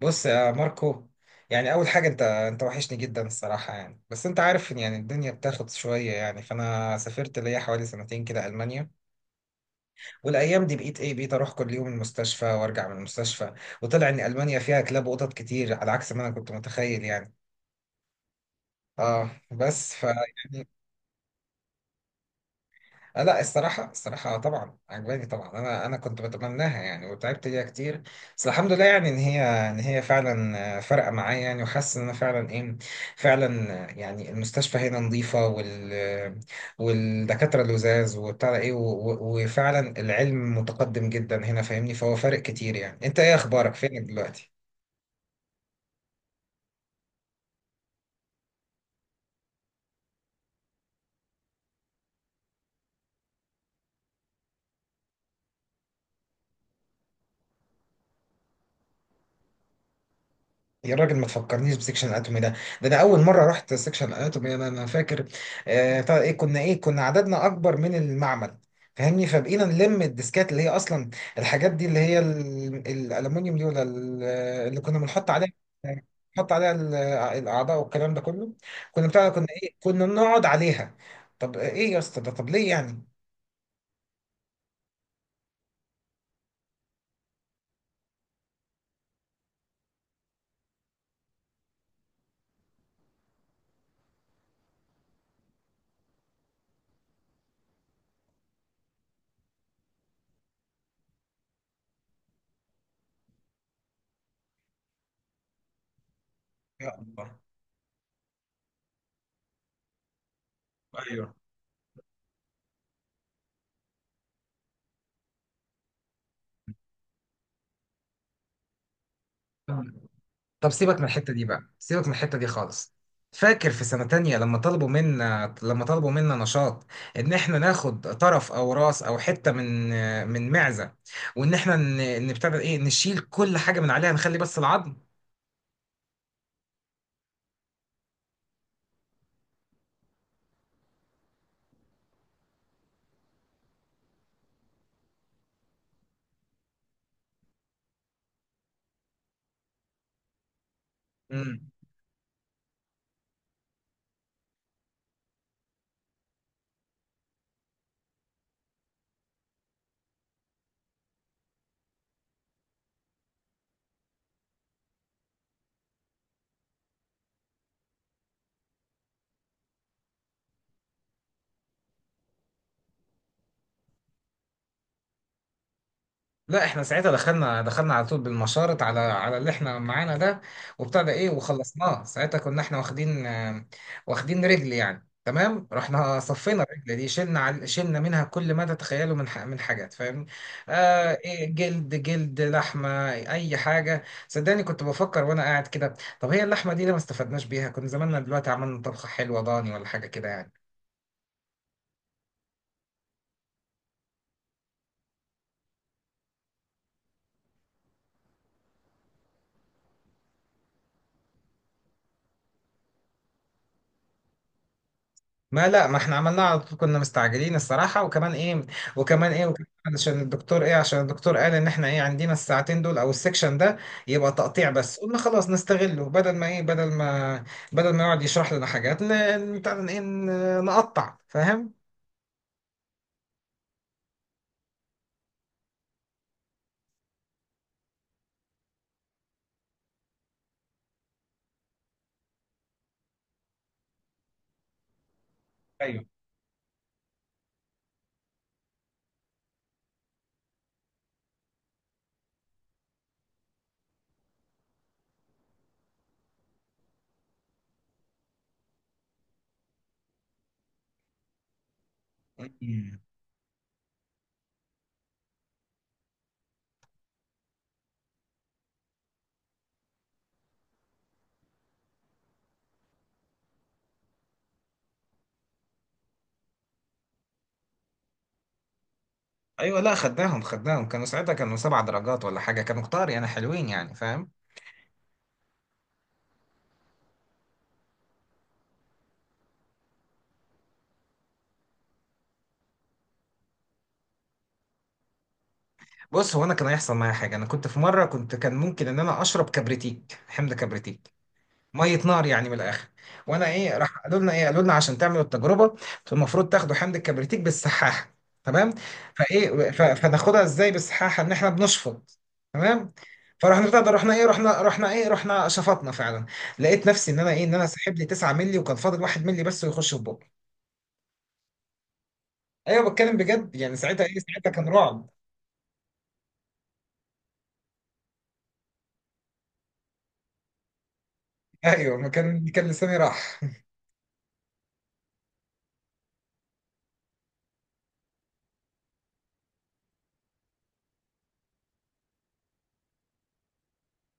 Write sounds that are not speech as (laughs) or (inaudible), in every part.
بص يا ماركو. يعني اول حاجه، انت وحشني جدا الصراحه. يعني بس انت عارف ان يعني الدنيا بتاخد شويه يعني، فانا سافرت ليا حوالي سنتين كده المانيا. والايام دي بقيت اروح كل يوم المستشفى وارجع من المستشفى. وطلع ان المانيا فيها كلاب وقطط كتير على عكس ما انا كنت متخيل يعني. اه بس، يعني. لا، الصراحة، طبعا عجباني. طبعا أنا كنت بتمناها يعني، وتعبت ليها كتير. بس الحمد لله يعني، إن هي فعلا فارقة معايا يعني، وحاسس إن أنا فعلا. فعلا، يعني المستشفى هنا نظيفة والدكاترة لذاذ، وبتاع ده إيه و- وفعلا العلم متقدم جدا هنا، فاهمني؟ فهو فارق كتير يعني. أنت إيه أخبارك، فينك دلوقتي؟ يا راجل ما تفكرنيش بسكشن الاناتومي ده. ده انا اول مره رحت سكشن الاناتومي، انا فاكر. آه بتاع ايه كنا عددنا اكبر من المعمل، فاهمني؟ فبقينا نلم الديسكات اللي هي اصلا الحاجات دي، اللي هي الالومنيوم دي، ولا اللي كنا بنحط عليها، نحط عليها الاعضاء والكلام ده كله. كنا بنقعد عليها. طب ايه يا اسطى ده طب ليه يعني؟ يا الله. ايوه. طب سيبك من الحتة دي بقى سيبك من الحتة دي خالص. فاكر في سنة تانية لما طلبوا منا نشاط، ان احنا ناخد طرف او راس او حتة من معزة، وان احنا نبتدي نشيل كل حاجة من عليها، نخلي بس العظم. مم. لا، احنا ساعتها دخلنا على طول بالمشارط على اللي احنا معانا ده، وبتاع ده ايه وخلصناه. ساعتها كنا احنا واخدين رجل يعني، تمام. رحنا صفينا الرجل دي، شلنا منها كل ما تتخيله من من حاجات، فاهم؟ آه إيه جلد لحمه، اي حاجه، صدقني كنت بفكر وانا قاعد كده. طب هي اللحمه دي ليه ما استفدناش بيها؟ كنا زماننا دلوقتي عملنا طبخه حلوه، ضاني ولا حاجه كده يعني. ما احنا عملناه على طول، كنا مستعجلين الصراحة. وكمان ايه وكمان ايه وكمان عشان الدكتور قال ان احنا عندنا الساعتين دول او السكشن ده، يبقى تقطيع. بس قلنا خلاص نستغله، بدل ما بدل ما يقعد يشرح لنا حاجات، ن- بتاع ده ايه ن- نقطع، فاهم؟ ايوه. مم. ايوه، لا، خدناهم. كانوا ساعتها 7 درجات ولا حاجه، كانوا كتار يعني، حلوين يعني، فاهم؟ بص، هو انا كان هيحصل معايا حاجه. انا كنت في مره، كان ممكن ان انا اشرب حمض كبريتيك، ميه نار يعني من الاخر. وانا، راح قالوا لنا عشان تعملوا التجربه المفروض تاخدوا حمض الكبريتيك بالسحاحه، تمام؟ فناخدها ازاي بالسحاحه؟ ان احنا بنشفط، تمام؟ فرحنا بتاع ده، رحنا ايه رحنا رحنا ايه رحنا شفطنا فعلا. لقيت نفسي ان انا سحب لي 9 مللي، وكان فاضل 1 مللي بس ويخش في بقي. ايوه، بتكلم بجد يعني. ساعتها كان رعب. ايوه، ما كان لساني راح.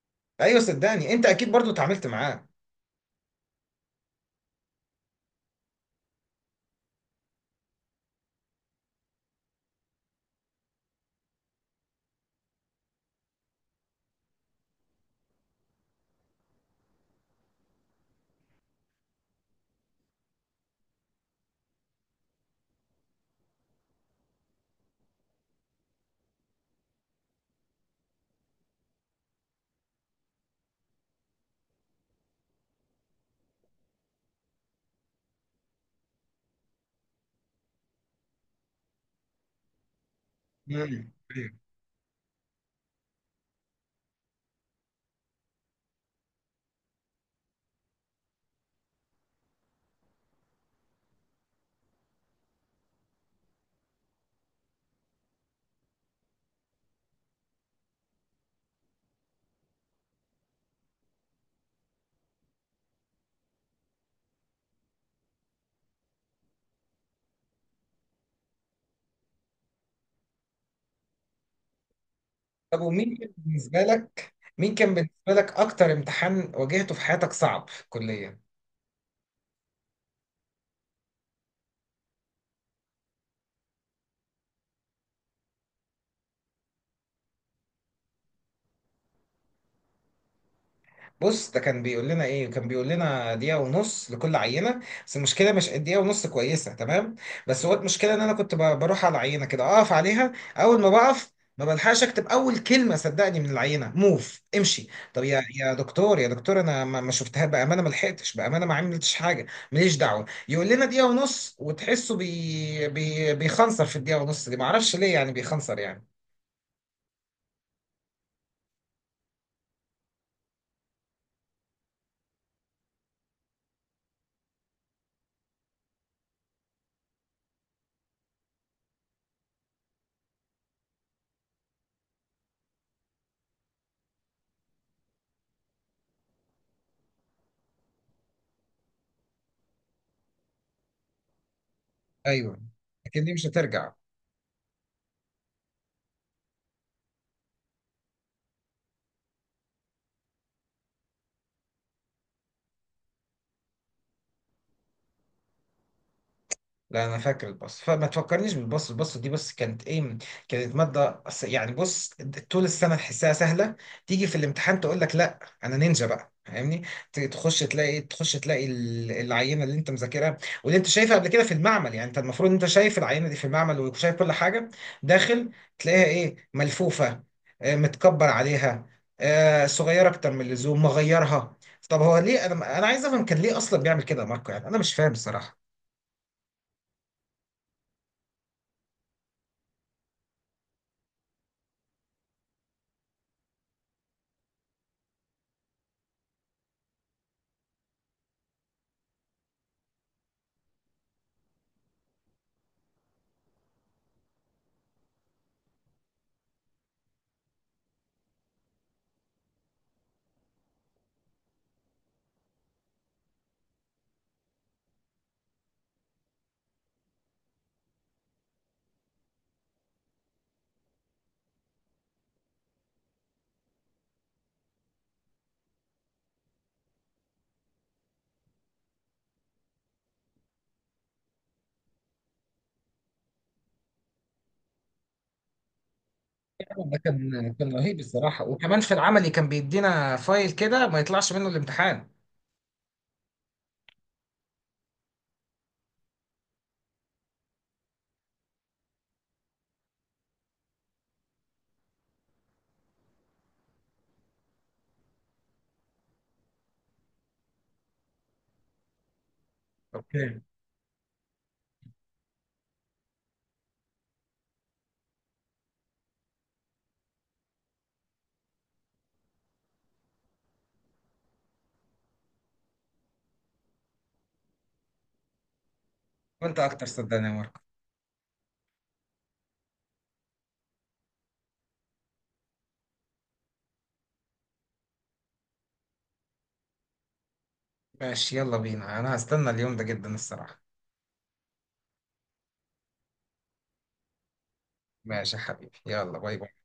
(laughs) ايوه، صدقني انت اكيد برضو اتعاملت معاه. مم. طب، ومين كان بالنسبة لك أكتر امتحان واجهته في حياتك صعب في الكلية؟ بص، ده كان بيقول لنا، دقيقة ونص لكل عينة. بس المشكلة مش الدقيقة ونص، كويسة تمام. بس هو المشكلة ان انا كنت بروح على العينة كده، اقف عليها، اول ما بقف ما بلحقش اكتب اول كلمة، صدقني، من العينة موف امشي. طب يا، دكتور، يا دكتور، انا ما شفتها بأمانة، ما لحقتش بأمانة، ما عملتش حاجة. ماليش دعوة. يقول لنا دقيقة ونص، وتحسه بي بي بيخنصر في الدقيقة ونص دي، ما اعرفش ليه يعني بيخنصر يعني. ايوه. لكن دي مش هترجع. لا، انا فاكر الباص، فما تفكرنيش بالباص. الباص دي بس كانت ماده يعني، بص، طول السنه تحسها سهله. تيجي في الامتحان تقول لك لا، انا نينجا بقى، فاهمني؟ تخش تلاقي العينه اللي انت مذاكرها، واللي انت شايفها قبل كده في المعمل. يعني انت المفروض انت شايف العينه دي في المعمل وشايف كل حاجه داخل، تلاقيها ملفوفه، متكبر عليها، صغيره اكتر من اللزوم مغيرها. طب هو ليه، انا عايز افهم، كان ليه اصلا بيعمل كده يا ماركو؟ يعني انا مش فاهم الصراحه. ده كان رهيب الصراحه. وكمان في العملي كان بيدينا فايل كده ما يطلعش منه الامتحان. اوكي. وانت اكتر، صدقني يا ماركو. ماشي، يلا بينا، انا هستنى اليوم ده جدا الصراحه. ماشي يا حبيبي، يلا، باي باي.